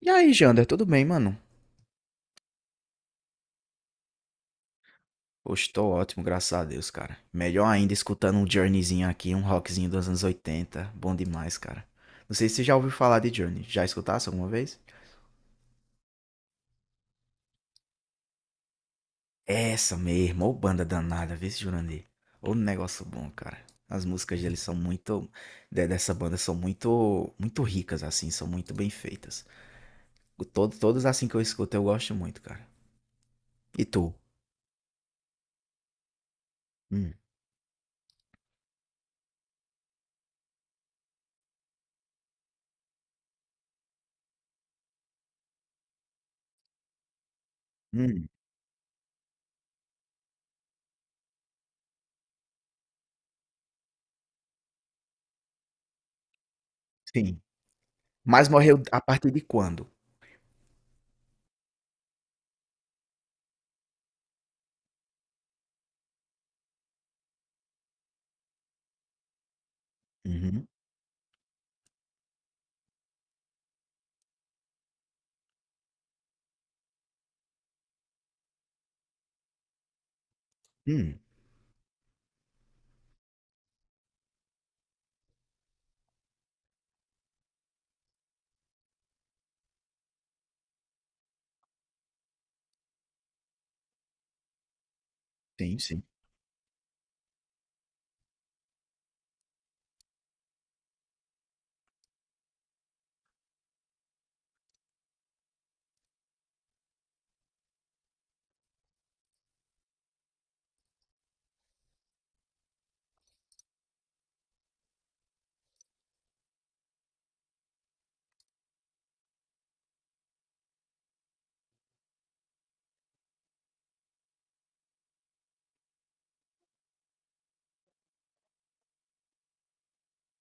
E aí, Jander, tudo bem, mano? Hoje tô ótimo, graças a Deus, cara. Melhor ainda escutando um Journeyzinho aqui, um rockzinho dos anos 80. Bom demais, cara. Não sei se você já ouviu falar de Journey. Já escutasse alguma vez? Essa mesmo, ô banda danada, vê se Jurandir. Ô negócio bom, cara. As músicas deles são muito. Dessa banda são muito. Muito ricas, assim, são muito bem feitas. Todas assim que eu escuto, eu gosto muito, cara. E tu? Hum, hum, sim. Mas morreu a partir de quando? Uhum. Hum. Sim, sim,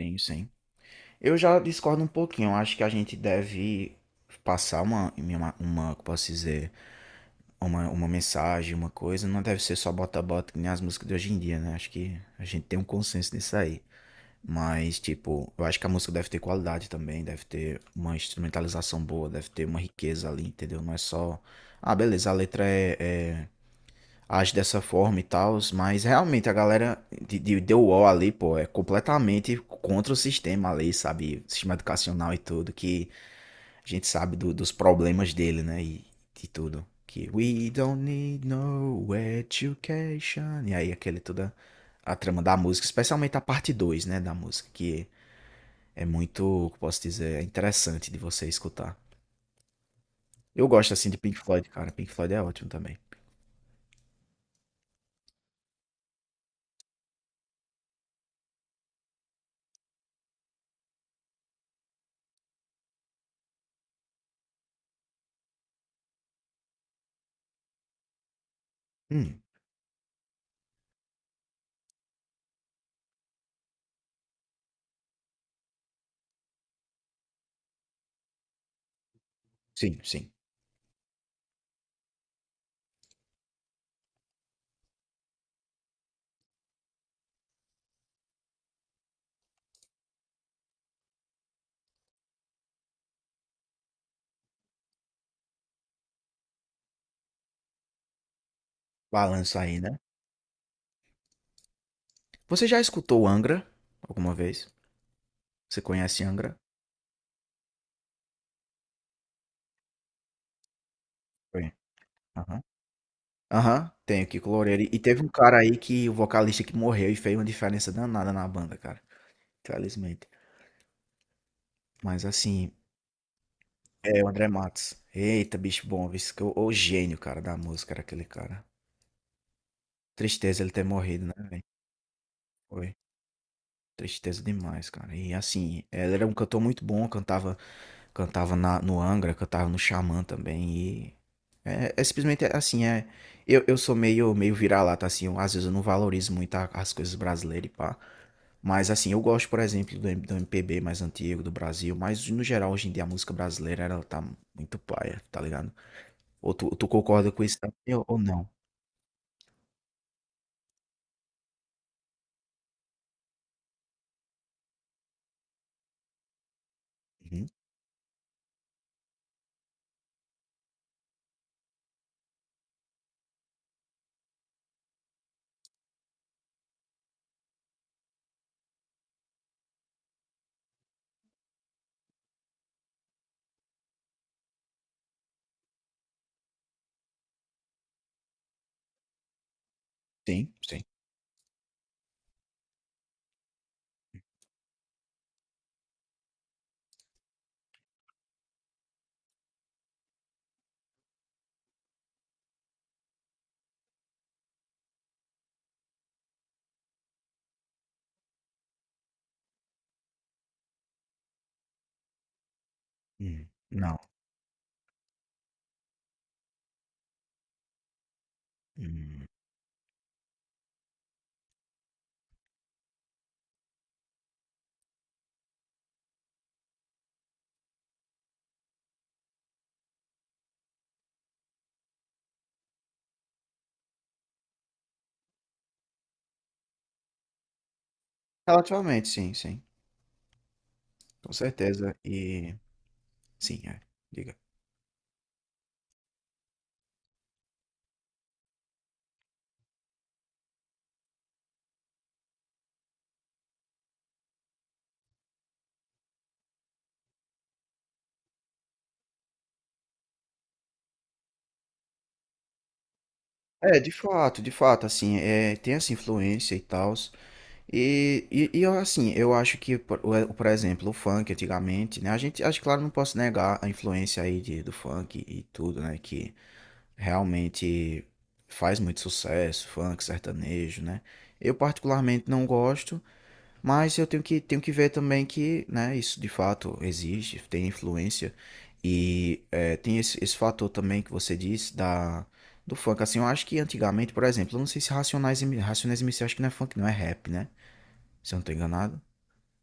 sim, sim. Eu já discordo um pouquinho. Eu acho que a gente deve passar uma como posso dizer, uma mensagem, uma coisa. Não deve ser só bota-bota, que nem as músicas de hoje em dia, né? Acho que a gente tem um consenso nisso aí. Mas, tipo, eu acho que a música deve ter qualidade também, deve ter uma instrumentalização boa, deve ter uma riqueza ali, entendeu? Não é só. Ah, beleza, a letra é age dessa forma e tal, mas realmente a galera de The Wall ali, pô, é completamente contra o sistema ali, sabe? Sistema educacional e tudo, que a gente sabe dos problemas dele, né? E de tudo. Que we don't need no education. E aí aquele toda a trama da música, especialmente a parte 2, né, da música, que é muito, que posso dizer, é interessante de você escutar. Eu gosto assim de Pink Floyd, cara. Pink Floyd é ótimo também. Hum, sim, sim. Balanço aí, né? Você já escutou Angra alguma vez? Você conhece Angra? Conhe Aham. Aham, tem o Kiko Loureiro. E teve um cara aí que o vocalista que morreu e fez uma diferença danada na banda, cara. Infelizmente. Mas assim, é o André Matos. Eita, bicho bom, viu? Esse que- é O, o gênio, cara, da música era aquele cara. Tristeza ele ter morrido, né, velho? Foi. Tristeza demais, cara. E assim, ela era um cantor muito bom, cantava, cantava no Angra, cantava no Xamã também. E é. Eu sou meio vira-lata, assim, eu, às vezes eu não valorizo muito as coisas brasileiras e pá. Mas assim, eu gosto, por exemplo, do MPB mais antigo do Brasil, mas no geral, hoje em dia, a música brasileira, ela tá muito paia, tá ligado? Ou tu concorda com isso também, ou não? Uhum. Sim, sim. Hum. Não. Hum. Relativamente, sim, sim. Com certeza. E sim, é. Diga. É, de fato, assim, é, tem essa influência e tal. E eu, assim, eu acho que, é, por exemplo, o funk antigamente, né? A gente, acho que, claro, não posso negar a influência aí do funk e tudo, né? Que realmente faz muito sucesso, funk, sertanejo, né? Eu particularmente não gosto. Mas eu tenho tenho que ver também que, né, isso de fato existe, tem influência. E é, tem esse fator também que você disse da, do funk. Assim, eu acho que antigamente, por exemplo, eu não sei se Racionais MC, acho que não é funk, não é rap, né? Se eu não tô enganado.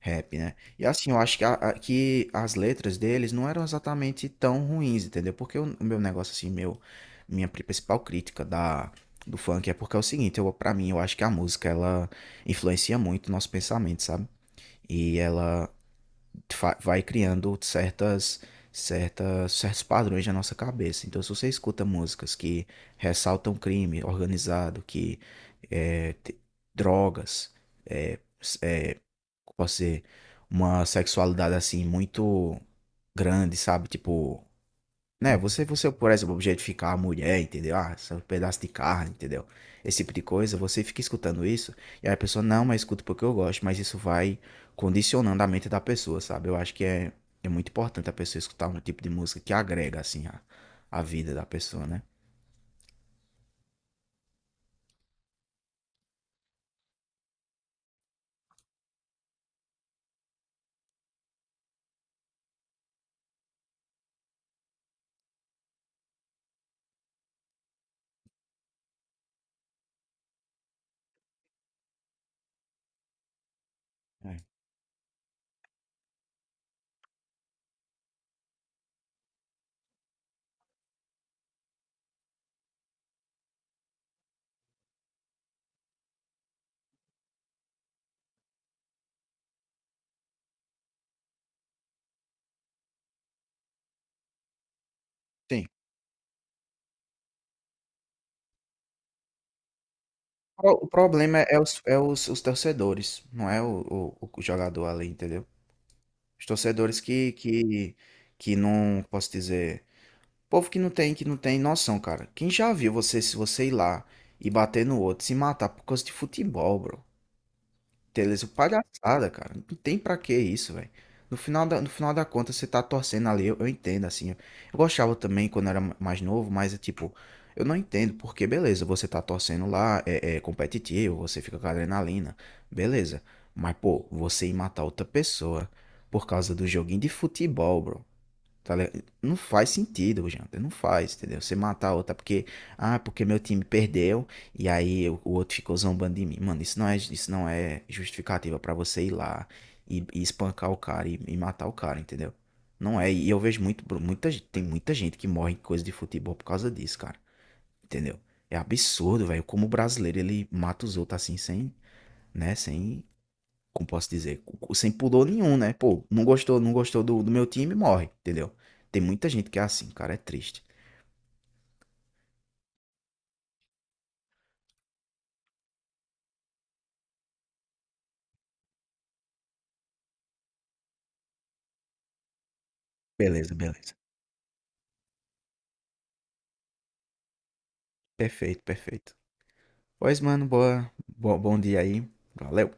Rap, né? E assim, eu acho que, que as letras deles não eram exatamente tão ruins, entendeu? Porque o meu negócio, assim, meu, principal crítica da, do funk é porque é o seguinte, eu, pra mim, eu acho que a música, ela influencia muito o nosso pensamento, sabe? E ela vai criando certas, certos padrões na nossa cabeça. Então, se você escuta músicas que ressaltam crime organizado, que é, drogas, é, s- é, como posso dizer, uma sexualidade assim muito grande, sabe? Tipo, né? Você, por exemplo, objetificar a mulher, entendeu? Ah, esse é um pedaço de carne, entendeu? Esse tipo de coisa, você fica escutando isso, e aí a pessoa, não, mas escuta porque eu gosto, mas isso vai condicionando a mente da pessoa, sabe? Eu acho que é muito importante a pessoa escutar um tipo de música que agrega, assim, a vida da pessoa, né? É. Sim. O problema é é os torcedores, não é o jogador ali, entendeu? Os torcedores que não, posso dizer. Povo que não tem noção, cara. Quem já viu você, se você ir lá e bater no outro, se matar por causa de futebol, bro? Beleza, palhaçada, cara. Não tem pra que isso, velho. No final da, no final da conta, você tá torcendo ali, eu entendo, assim. Eu gostava também quando era mais novo, mas é tipo, eu não entendo porque, beleza, você tá torcendo lá, é, é competitivo, você fica com adrenalina, beleza. Mas, pô, você ir matar outra pessoa por causa do joguinho de futebol, bro. Tá ligado? Não faz sentido, Janta. Não faz, entendeu? Você matar a outra porque. Ah, porque meu time perdeu e aí o outro ficou zombando de mim. Mano, isso não é justificativa pra você ir lá e espancar o cara e matar o cara, entendeu? Não é. E eu vejo muito, muita, tem muita gente que morre em coisa de futebol por causa disso, cara. Entendeu? É absurdo, velho. Como o brasileiro ele mata os outros assim, sem, né? Sem como posso dizer, sem pudor nenhum, né? Pô, não gostou, não gostou do meu time, morre, entendeu? Tem muita gente que é assim, cara, é triste. Beleza, beleza. Perfeito, perfeito. Pois, mano, boa, bom dia aí. Valeu.